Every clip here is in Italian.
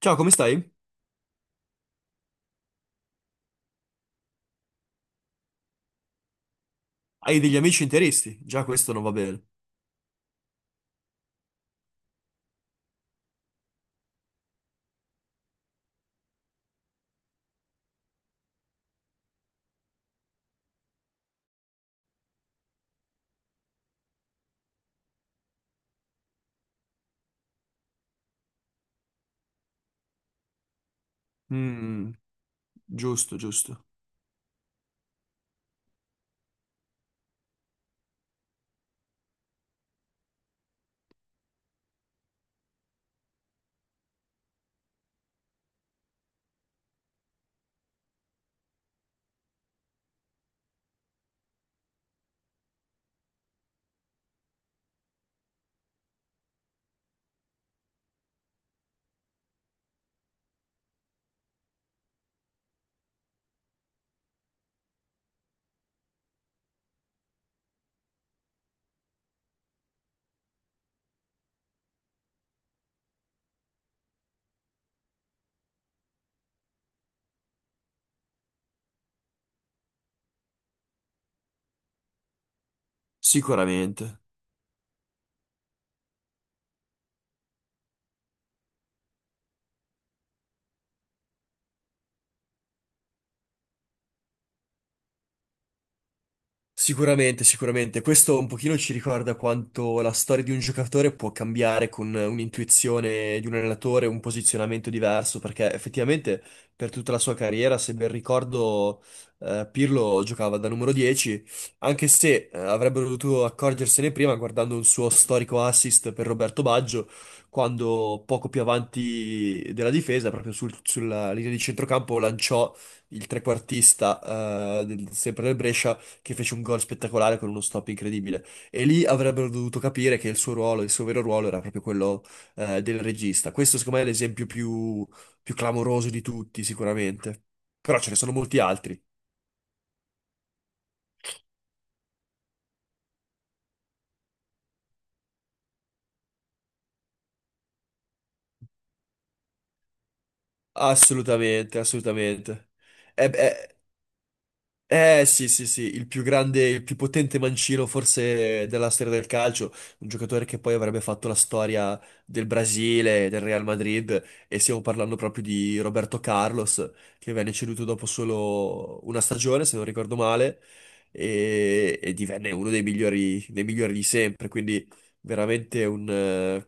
Ciao, come stai? Hai degli amici interisti? Già questo non va bene. Mm, giusto, giusto. Sicuramente. Sicuramente, sicuramente. Questo un pochino ci ricorda quanto la storia di un giocatore può cambiare con un'intuizione di un allenatore, un posizionamento diverso, perché effettivamente per tutta la sua carriera, se ben ricordo, Pirlo giocava da numero 10, anche se avrebbero dovuto accorgersene prima guardando un suo storico assist per Roberto Baggio, quando poco più avanti della difesa, proprio sulla linea di centrocampo, lanciò il trequartista sempre del Brescia che fece un gol spettacolare con uno stop incredibile. E lì avrebbero dovuto capire che il suo ruolo, il suo vero ruolo era proprio quello del regista. Questo, secondo me, è l'esempio più clamoroso di tutti, sicuramente. Però ce ne sono molti altri. Assolutamente, assolutamente. E beh, eh sì, sì, sì, il più grande, il più potente mancino forse della storia del calcio, un giocatore che poi avrebbe fatto la storia del Brasile, del Real Madrid e stiamo parlando proprio di Roberto Carlos che venne ceduto dopo solo una stagione, se non ricordo male, e divenne uno dei migliori di sempre, quindi veramente un, eh,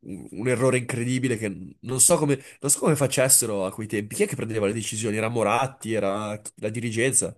un- un errore incredibile che non so come, non so come facessero a quei tempi, chi è che prendeva le decisioni? Era Moratti, era la dirigenza?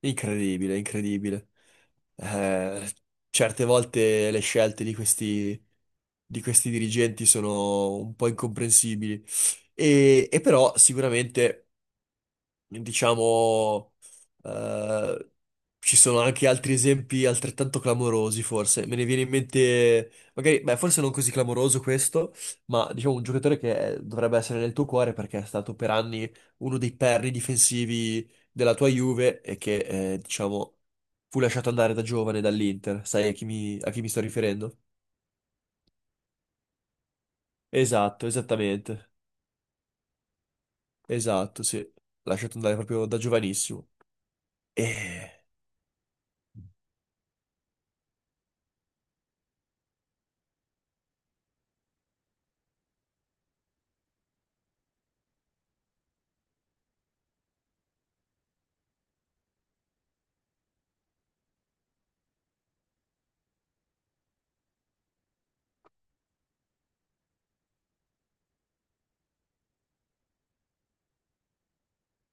Incredibile, incredibile. Eh, certe volte le scelte di questi dirigenti sono un po' incomprensibili. E però sicuramente diciamo, eh, ci sono anche altri esempi altrettanto clamorosi, forse. Me ne viene in mente, magari, beh, forse non così clamoroso questo, ma diciamo un giocatore che dovrebbe essere nel tuo cuore perché è stato per anni uno dei perni difensivi della tua Juve e che, diciamo, fu lasciato andare da giovane dall'Inter. Sai a chi a chi mi sto riferendo? Esatto, esattamente. Esatto, sì. Lasciato andare proprio da giovanissimo. E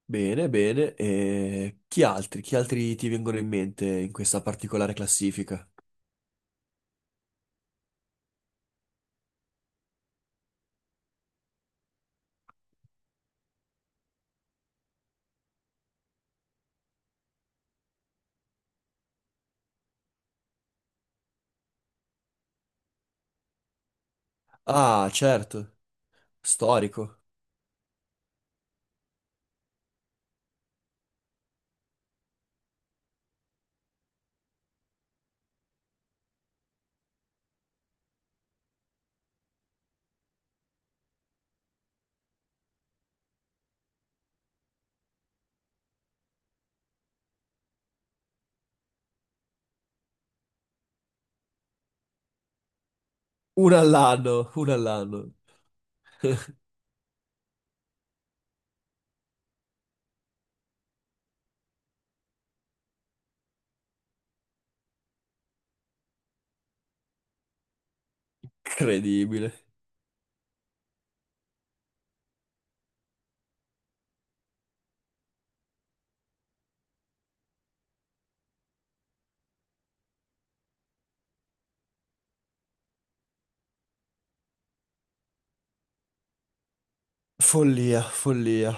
bene, bene. E chi altri? Chi altri ti vengono in mente in questa particolare classifica? Ah, certo, storico. Uno all'anno, uno all'anno. Incredibile. Follia, follia.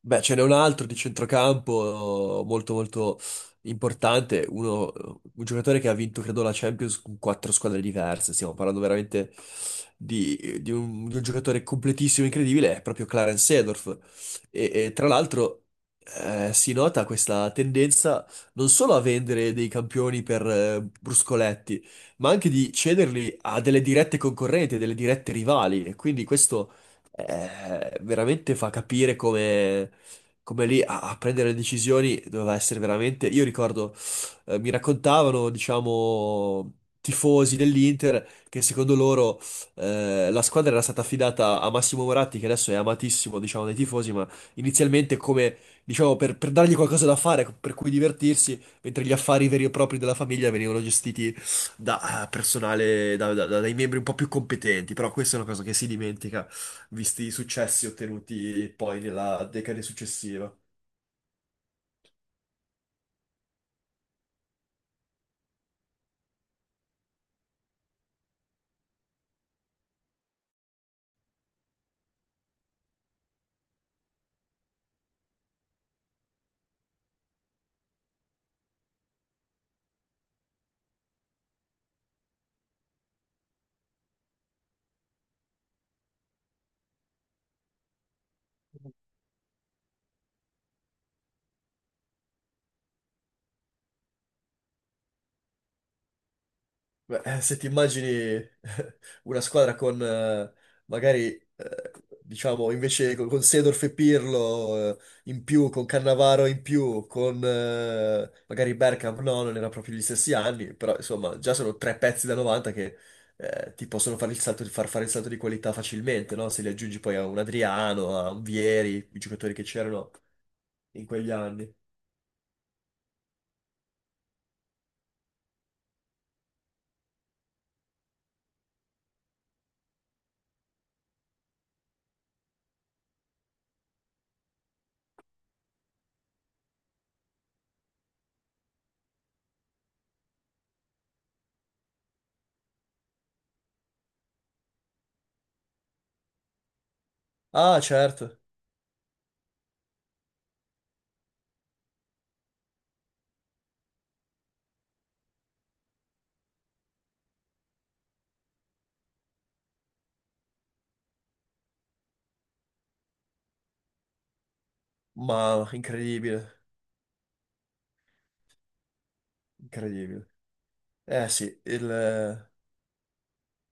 Beh, ce n'è un altro di centrocampo molto importante, un giocatore che ha vinto, credo, la Champions con quattro squadre diverse. Stiamo parlando veramente di un giocatore completissimo, incredibile, è proprio Clarence Seedorf. E tra l'altro si nota questa tendenza non solo a vendere dei campioni per bruscoletti, ma anche di cederli a delle dirette concorrenti, a delle dirette rivali. E quindi questo veramente fa capire come lì a prendere le decisioni doveva essere veramente. Io ricordo, mi raccontavano, diciamo, tifosi dell'Inter che secondo loro la squadra era stata affidata a Massimo Moratti, che adesso è amatissimo, diciamo, dai tifosi, ma inizialmente come, diciamo, per dargli qualcosa da fare, per cui divertirsi, mentre gli affari veri e propri della famiglia venivano gestiti da personale, dai membri un po' più competenti. Però questa è una cosa che si dimentica visti i successi ottenuti poi nella decade successiva. Beh, se ti immagini una squadra con magari, eh, diciamo, invece con Seedorf e Pirlo in più, con Cannavaro in più, con magari Bergkamp, no, non era proprio gli stessi anni, però insomma già sono tre pezzi da 90 che ti possono fare il salto, far fare il salto di qualità facilmente, no? Se li aggiungi poi a un Adriano, a un Vieri, i giocatori che c'erano in quegli anni. Ah, certo. Ma incredibile, incredibile. Eh sì, il...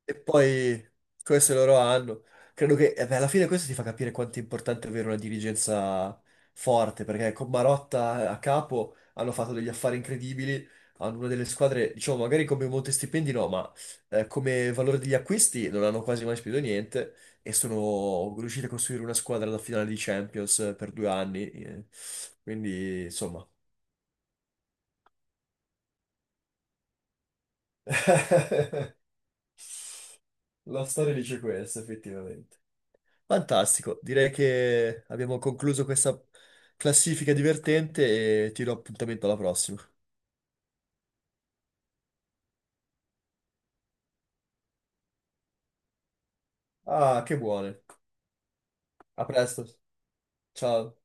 e poi questo è il loro anno. Credo che eh beh, alla fine questo ti fa capire quanto è importante avere una dirigenza forte, perché con Marotta a capo hanno fatto degli affari incredibili, hanno una delle squadre, diciamo, magari come monte stipendi no, ma come valore degli acquisti non hanno quasi mai speso niente e sono riusciti a costruire una squadra alla finale di Champions per 2 anni. Eh. Quindi, insomma... La storia dice questo, effettivamente. Fantastico, direi che abbiamo concluso questa classifica divertente e ti do appuntamento alla prossima. Ah, che buone. A presto. Ciao.